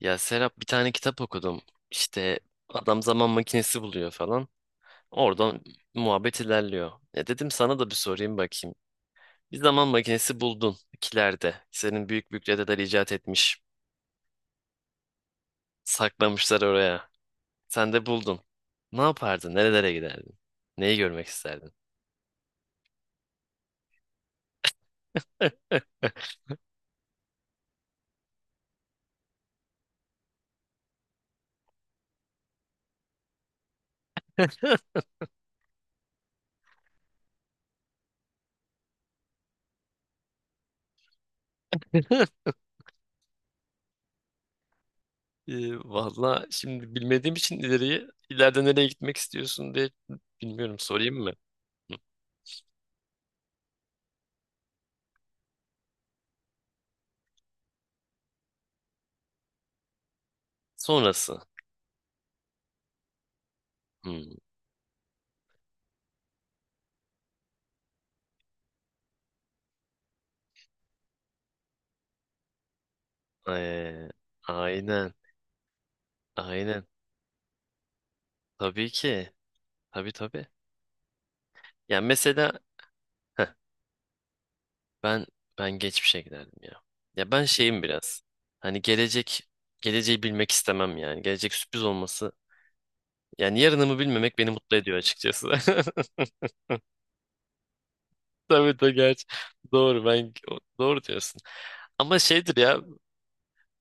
Ya Serap bir tane kitap okudum. İşte adam zaman makinesi buluyor falan. Oradan muhabbet ilerliyor. E dedim sana da bir sorayım bakayım. Bir zaman makinesi buldun kilerde. Senin büyük büyük dedeler icat etmiş. Saklamışlar oraya. Sen de buldun. Ne yapardın? Nerelere giderdin? Neyi görmek isterdin? Valla şimdi bilmediğim için ileriyi. İleride nereye gitmek istiyorsun diye bilmiyorum. Sorayım mı? Hı. Sonrası. Hmm. Ee, aynen. Aynen. Tabii ki. Tabii tabii. Yani mesela heh, ben ben geçmişe giderdim ya. Ya ben şeyim biraz. Hani geleceği bilmek istemem yani. Gelecek sürpriz olması. Yani yarınımı bilmemek beni mutlu ediyor açıkçası. Tabii tabii gerçi. Doğru ben doğru diyorsun. Ama şeydir ya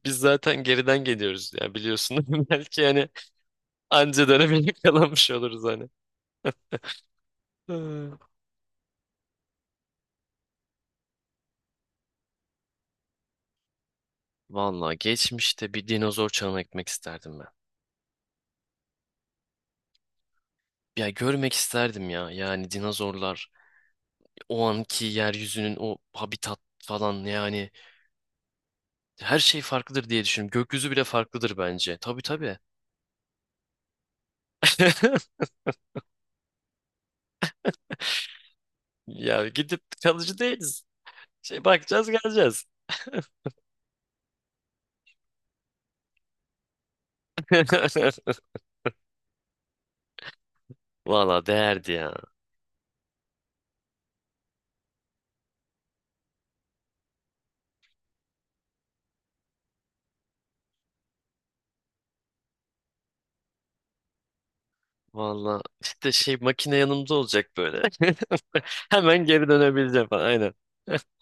biz zaten geriden geliyoruz ya biliyorsun. Belki yani anca dönemeyi kalanmış oluruz hani. Hı. Vallahi geçmişte bir dinozor çağına gitmek isterdim. Ya görmek isterdim ya. Yani dinozorlar, o anki yeryüzünün o habitat falan yani her şey farklıdır diye düşünüyorum. Gökyüzü bile farklıdır bence. Tabii tabii. Ya gidip kalıcı değiliz. Şey bakacağız geleceğiz. Valla değerdi ya. Valla işte şey makine yanımda olacak böyle. Hemen geri dönebileceğim falan. Aynen.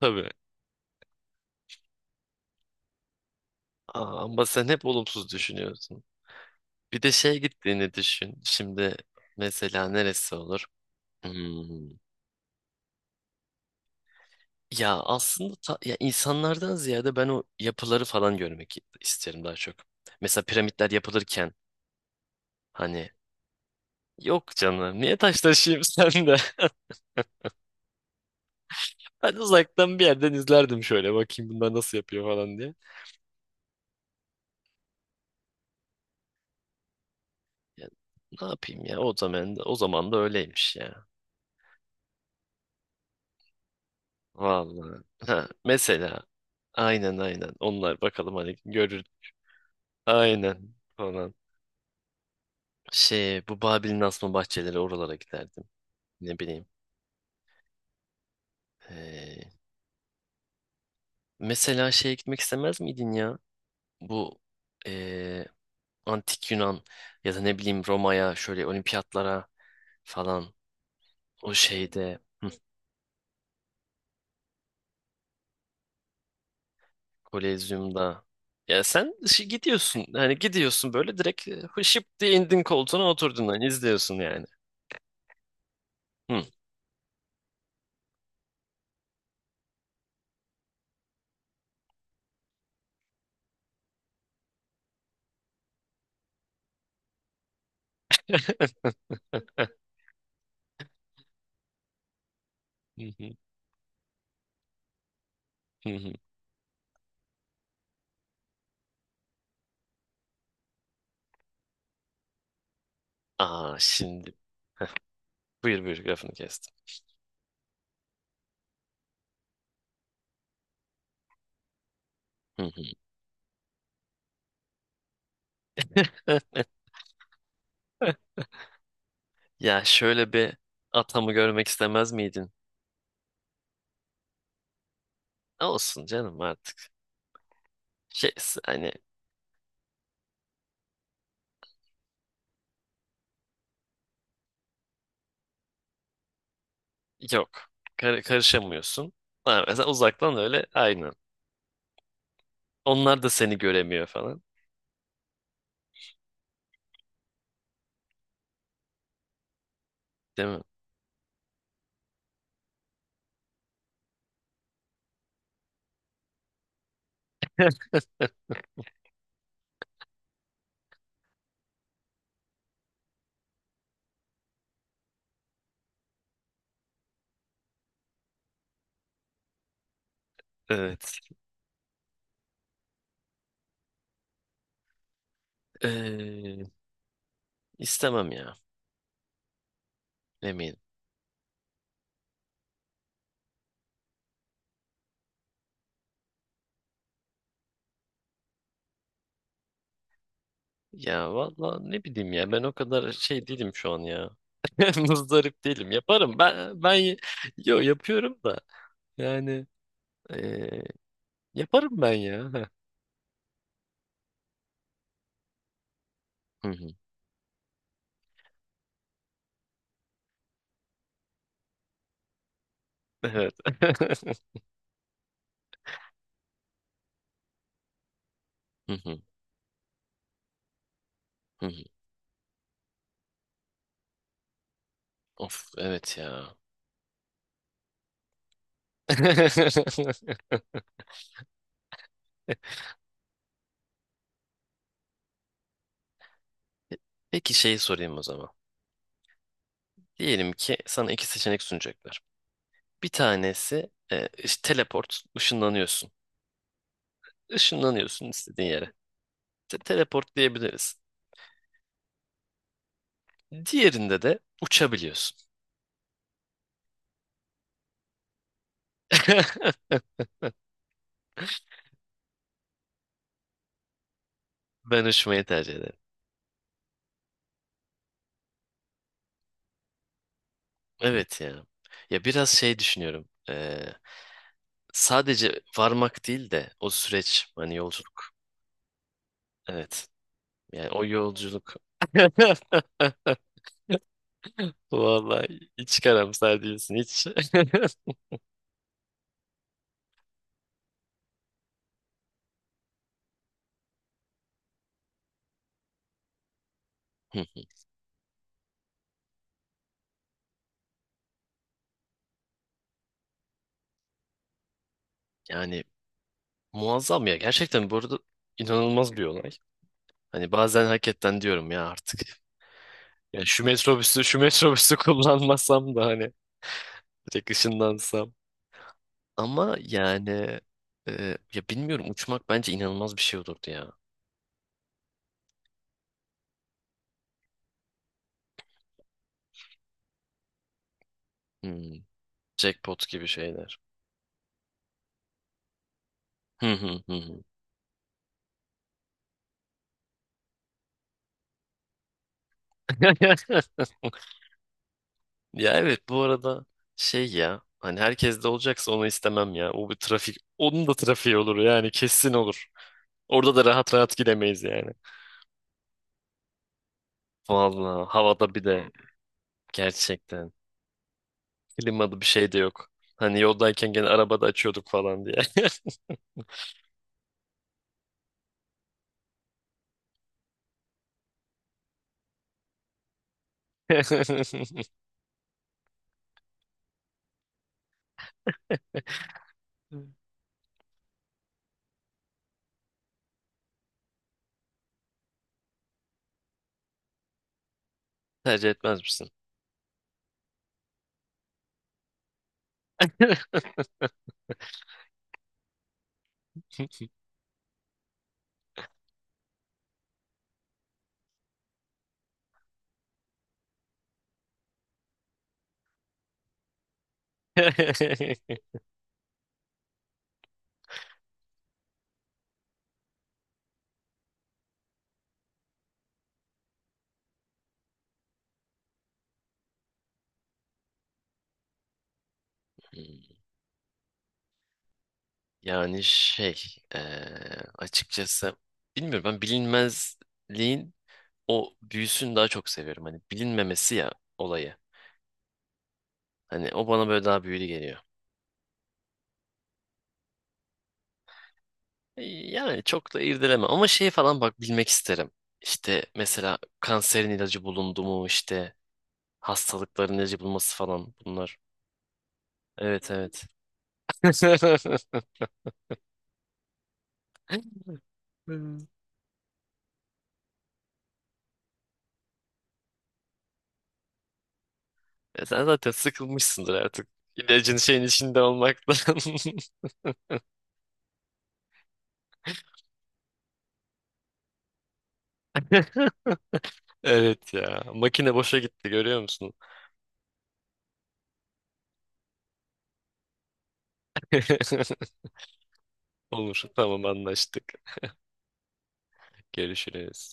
Tabii. Aa, ama sen hep olumsuz düşünüyorsun. Bir de şey gittiğini düşün. Şimdi mesela neresi olur? Hmm. Ya aslında ya insanlardan ziyade ben o yapıları falan görmek isterim daha çok. Mesela piramitler yapılırken hani yok canım niye taş taşıyayım sen de. Ben uzaktan bir yerden izlerdim şöyle bakayım bunlar nasıl yapıyor falan diye. Ya, ne yapayım ya o zaman da, o zaman da öyleymiş ya. Vallahi. Ha, mesela aynen aynen onlar bakalım hani görür. Aynen falan. Şey bu Babil'in asma bahçeleri oralara giderdim. Ne bileyim. Mesela şeye gitmek istemez miydin ya? Bu eee, antik Yunan ya da ne bileyim Roma'ya şöyle olimpiyatlara falan o şeyde hı, Kolezyum'da. Ya sen gidiyorsun hani gidiyorsun böyle direkt hışıp diye indin koltuğuna oturdun hani izliyorsun yani. Hı. Heh. Hı hı, hı hı. Aa şimdi buyur buyur lafını kestim. Hı hı. Ya şöyle bir atamı görmek istemez miydin? Olsun canım artık. Şey, hani yok. Karışamıyorsun. Ha, mesela uzaktan öyle aynen. Onlar da seni göremiyor falan. Değil mi? Evet. Ee, istemem ya. Eminim. Ya valla ne bileyim ya ben o kadar şey değilim şu an ya. Muzdarip değilim. Yaparım ben yo yapıyorum da yani ee, yaparım ben ya. Heh. Hı hı. Evet. Hı hı. Hı hı. Of evet ya. Peki şeyi sorayım o zaman. Diyelim ki sana iki seçenek sunacaklar. Bir tanesi işte teleport, ışınlanıyorsun. Işınlanıyorsun istediğin yere. Teleport diyebiliriz. Diğerinde de uçabiliyorsun. Ben uçmayı tercih ederim. Evet ya. Ya biraz şey düşünüyorum. Sadece varmak değil de o süreç, hani yolculuk. Evet. Yani o yolculuk. Vallahi hiç karamsar değilsin hiç. Hı, yani muazzam ya. Gerçekten bu arada inanılmaz bir olay. Hani bazen hakikaten diyorum ya artık. Ya şu metrobüsü kullanmasam da hani direkt ışınlansam. Ama yani ya bilmiyorum uçmak bence inanılmaz bir şey olurdu ya. Hmm, jackpot gibi şeyler. Hı hı hı hı. Ya evet bu arada şey ya hani herkes de olacaksa onu istemem ya. O bir trafik onun da trafiği olur yani kesin olur. Orada da rahat rahat gidemeyiz yani. Vallahi havada bir de gerçekten. Klimalı bir şey de yok. Hani yoldayken gene arabada açıyorduk falan diye. Tercih etmez misin? Hmm, yani şey eee, açıkçası bilmiyorum ben bilinmezliğin o büyüsünü daha çok seviyorum. Hani bilinmemesi ya olayı. Hani o bana böyle daha büyülü geliyor. Yani çok da irdeleme ama şey falan bak bilmek isterim. İşte mesela kanserin ilacı bulundu mu işte hastalıkların ilacı bulması falan bunlar. Evet evet. E sen zaten sıkılmışsındır artık. İlacın şeyin içinde olmaktan. Evet ya. Makine boşa gitti görüyor musun? Olur. Tamam anlaştık. Görüşürüz.